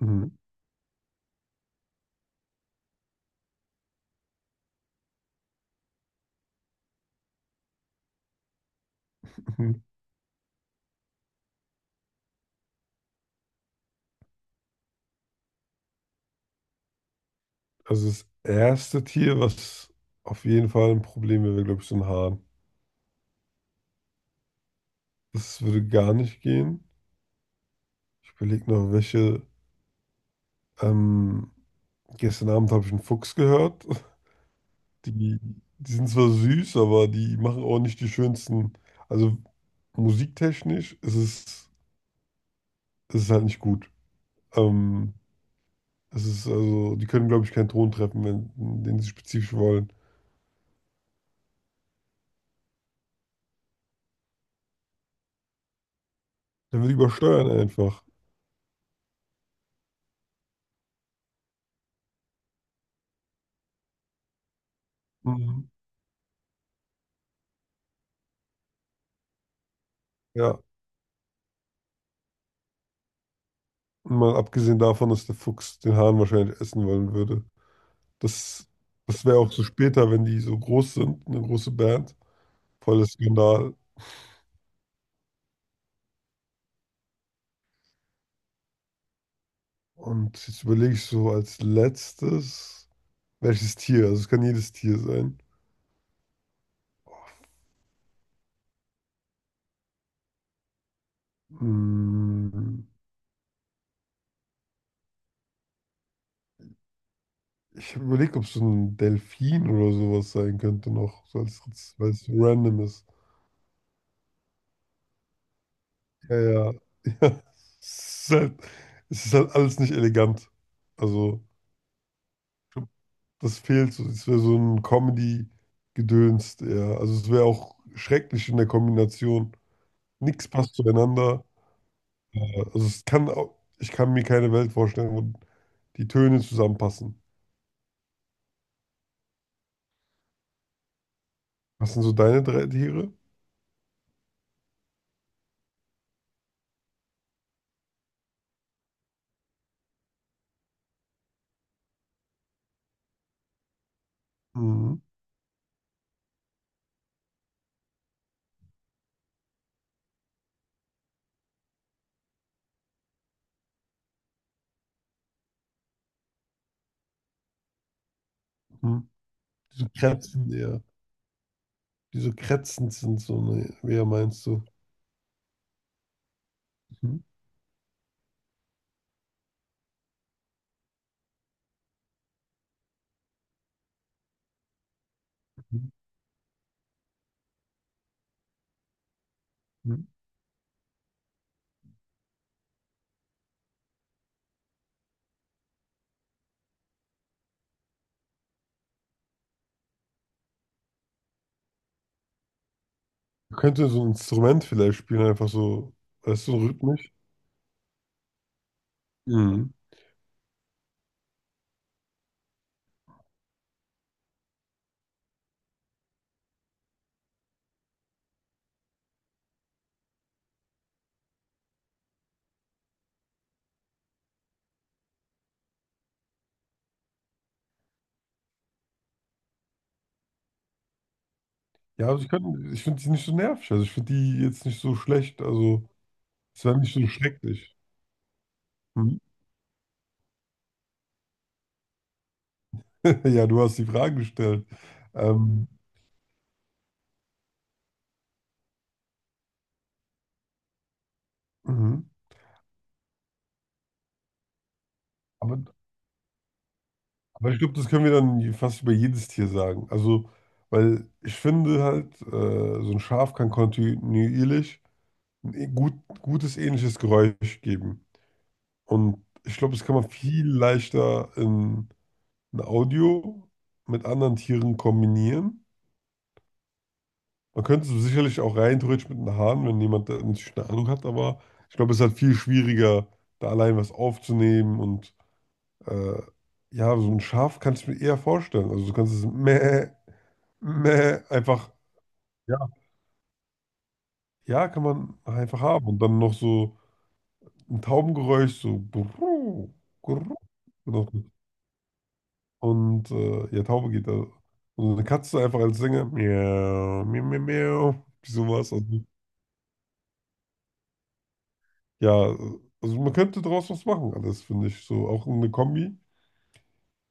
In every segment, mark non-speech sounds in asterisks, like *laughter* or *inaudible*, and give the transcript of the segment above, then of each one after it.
Mhm. Mhm. Also das erste Tier, was auf jeden Fall ein Problem wäre, glaube ich, so ein Hahn. Das würde gar nicht gehen. Ich überlege noch, welche. Ähm, gestern Abend habe ich einen Fuchs gehört. *laughs* Die, die sind zwar süß, aber die machen auch nicht die schönsten. Also musiktechnisch ist es, ist es halt nicht gut. Ähm, es ist also, die können, glaube ich, keinen Ton treffen, wenn, den sie spezifisch wollen. Dann wird übersteuern einfach. Mhm. Ja. Mal abgesehen davon, dass der Fuchs den Hahn wahrscheinlich essen wollen würde. Das, das wäre auch so später, wenn die so groß sind, eine große Band. Voller Skandal. Und jetzt überlege ich so als letztes, welches Tier? Also es kann jedes Tier sein. Hm, ich überlege, ob es so ein Delfin oder sowas sein könnte noch, so als, weil es random ist. Ja, ja. *laughs* Ja. Es ist halt, es ist halt alles nicht elegant. Also. Das fehlt so. Es wäre so ein Comedy-Gedöns eher. Also es wäre auch schrecklich in der Kombination. Nichts passt zueinander. Also es kann auch, ich kann mir keine Welt vorstellen, wo die Töne zusammenpassen. Was sind so deine drei Tiere? Mhm. Mhm. Die so kratzen eher. Die so kratzend sind, so, ne, wer meinst du? Mhm. Mhm. Mhm. Man könnte so ein Instrument vielleicht spielen, einfach so, weißt du, rhythmisch. Mhm. Ja, also ich finde die nicht so nervig. Also ich finde die jetzt nicht so schlecht. Also. Ist ja nicht so schrecklich. Mhm. *laughs* Ja, du hast die Frage gestellt. Ähm, mhm. aber, aber ich glaube, das können wir dann fast über jedes Tier sagen. Also, weil ich finde halt, so ein Schaf kann kontinuierlich ein e- gut, gutes ähnliches Geräusch geben. Und ich glaube, das kann man viel leichter in ein Audio mit anderen Tieren kombinieren. Man könnte es sicherlich auch rein theoretisch mit den Haaren, wenn jemand da natürlich eine Ahnung hat, aber ich glaube, es ist halt viel schwieriger, da allein was aufzunehmen und äh, ja, so ein Schaf kann ich mir eher vorstellen. Also du kannst es einfach, ja, ja, kann man einfach haben und dann noch so ein Taubengeräusch, so gurru, gurru, noch. Und ja, Taube geht da. Und eine Katze einfach als Sänger, miau, miau, miau, miau, sowas. Also, ja, also man könnte draus was machen, alles finde ich so. Auch eine Kombi.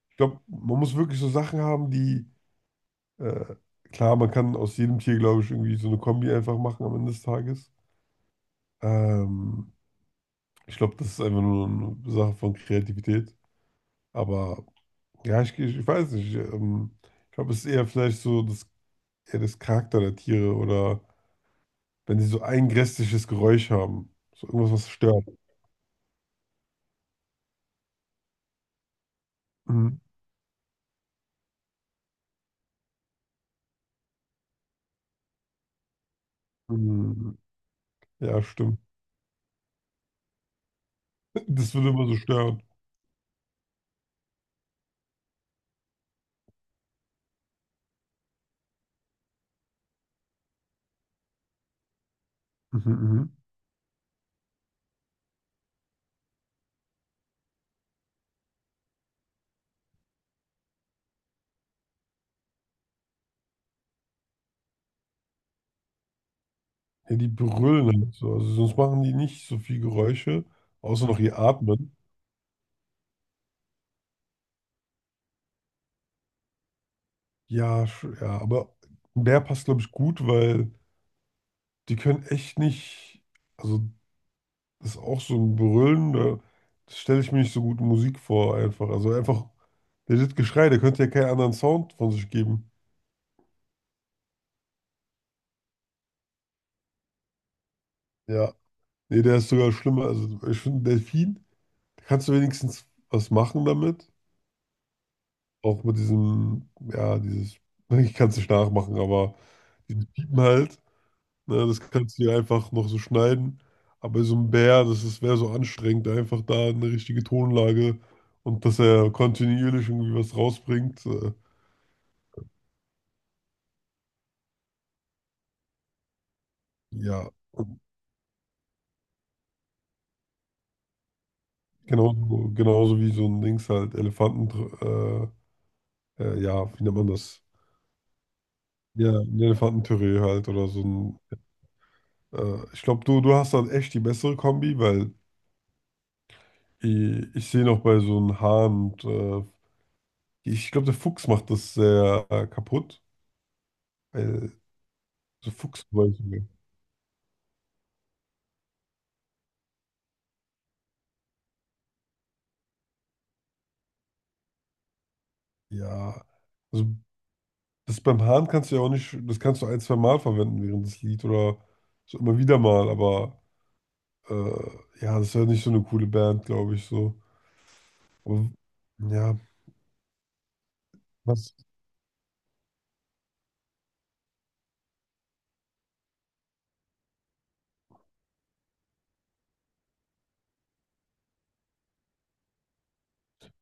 Ich glaube, man muss wirklich so Sachen haben, die, äh, klar, man kann aus jedem Tier, glaube ich, irgendwie so eine Kombi einfach machen am Ende des Tages. Ähm, ich glaube, das ist einfach nur eine Sache von Kreativität. Aber ja, ich weiß nicht. Ich glaube, es ist eher vielleicht so eher das Charakter der Tiere oder wenn sie so ein grässliches Geräusch haben. So irgendwas, was stört. Mhm. Mhm. Ja, stimmt. *laughs* Das würde immer so stören. Mhm, mhm. Ja, die brüllen halt so. Also sonst machen die nicht so viel Geräusche, außer noch ihr Atmen. Ja, ja, aber der passt, glaube ich, gut, weil die können echt nicht. Also, das ist auch so ein Brüllen, da, das stelle ich mir nicht so gut in Musik vor, einfach. Also, einfach, der das Geschrei, der könnte ja keinen anderen Sound von sich geben. Ja. Nee, der ist sogar schlimmer. Also, ich finde, Delfin, da kannst du wenigstens was machen damit. Auch mit diesem, ja, dieses, *laughs* ich kann es nicht nachmachen, aber dieses Piepen halt. Ne, das kannst du ja einfach noch so schneiden. Aber so ein Bär, das ist, wäre so anstrengend, einfach da eine richtige Tonlage und dass er kontinuierlich irgendwie was rausbringt. Ja, und genauso, genauso wie so ein Dings halt, Elefanten, äh, ja, wie nennt man das? Ja, ein Elefantentüree halt oder so ein. Ich glaube, du hast dann echt die bessere Kombi, weil ich sehe noch bei so einem Hahn und ich glaube, der Fuchs macht das sehr kaputt. Weil so Fuchs ja, also das beim Hahn kannst du ja auch nicht, das kannst du ein, zwei Mal verwenden während des Lied oder so immer wieder mal, aber äh, ja, das ist ja nicht so eine coole Band, glaube ich, so. Aber ja, was?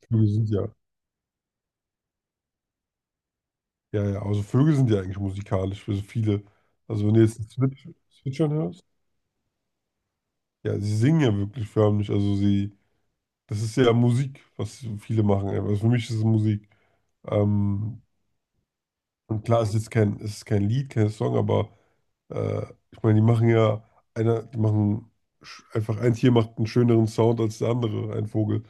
Vögel sind ja, ja, ja, also Vögel sind ja eigentlich musikalisch für so viele. Also wenn du jetzt Zwitschern hörst, ja, sie singen ja wirklich förmlich, also sie, das ist ja Musik, was viele machen, also für mich ist es Musik. Ähm, und klar, es ist kein Lied, kein Song, aber Äh, ich meine, die machen ja die machen einfach ein Tier macht einen schöneren Sound als der andere, ein Vogel.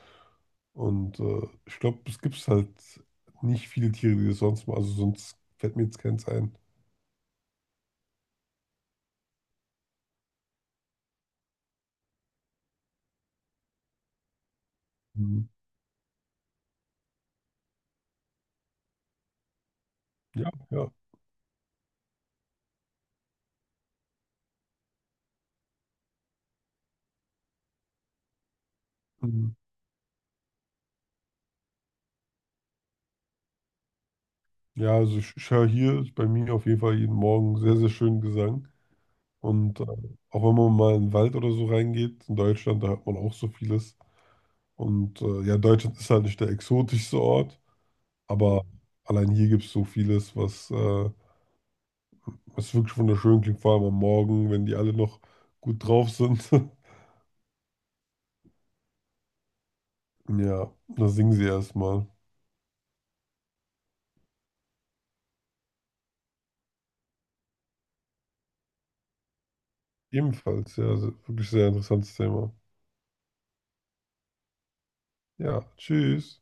Und ich glaube, es gibt halt nicht viele Tiere, die das sonst machen. Also sonst fällt mir jetzt keins ein. Mhm. Ja, ja. Mhm. Ja, also ich höre hier bei mir auf jeden Fall jeden Morgen sehr, sehr schönen Gesang. Und auch wenn man mal in den Wald oder so reingeht, in Deutschland, da hört man auch so vieles. Und ja, Deutschland ist halt nicht der exotischste Ort, aber allein hier gibt es so vieles, was es ist wirklich wunderschön, klingt vor allem am Morgen, wenn die alle noch gut drauf sind. *laughs* Ja, da singen sie erstmal. Ebenfalls, ja, wirklich sehr interessantes Thema. Ja, tschüss.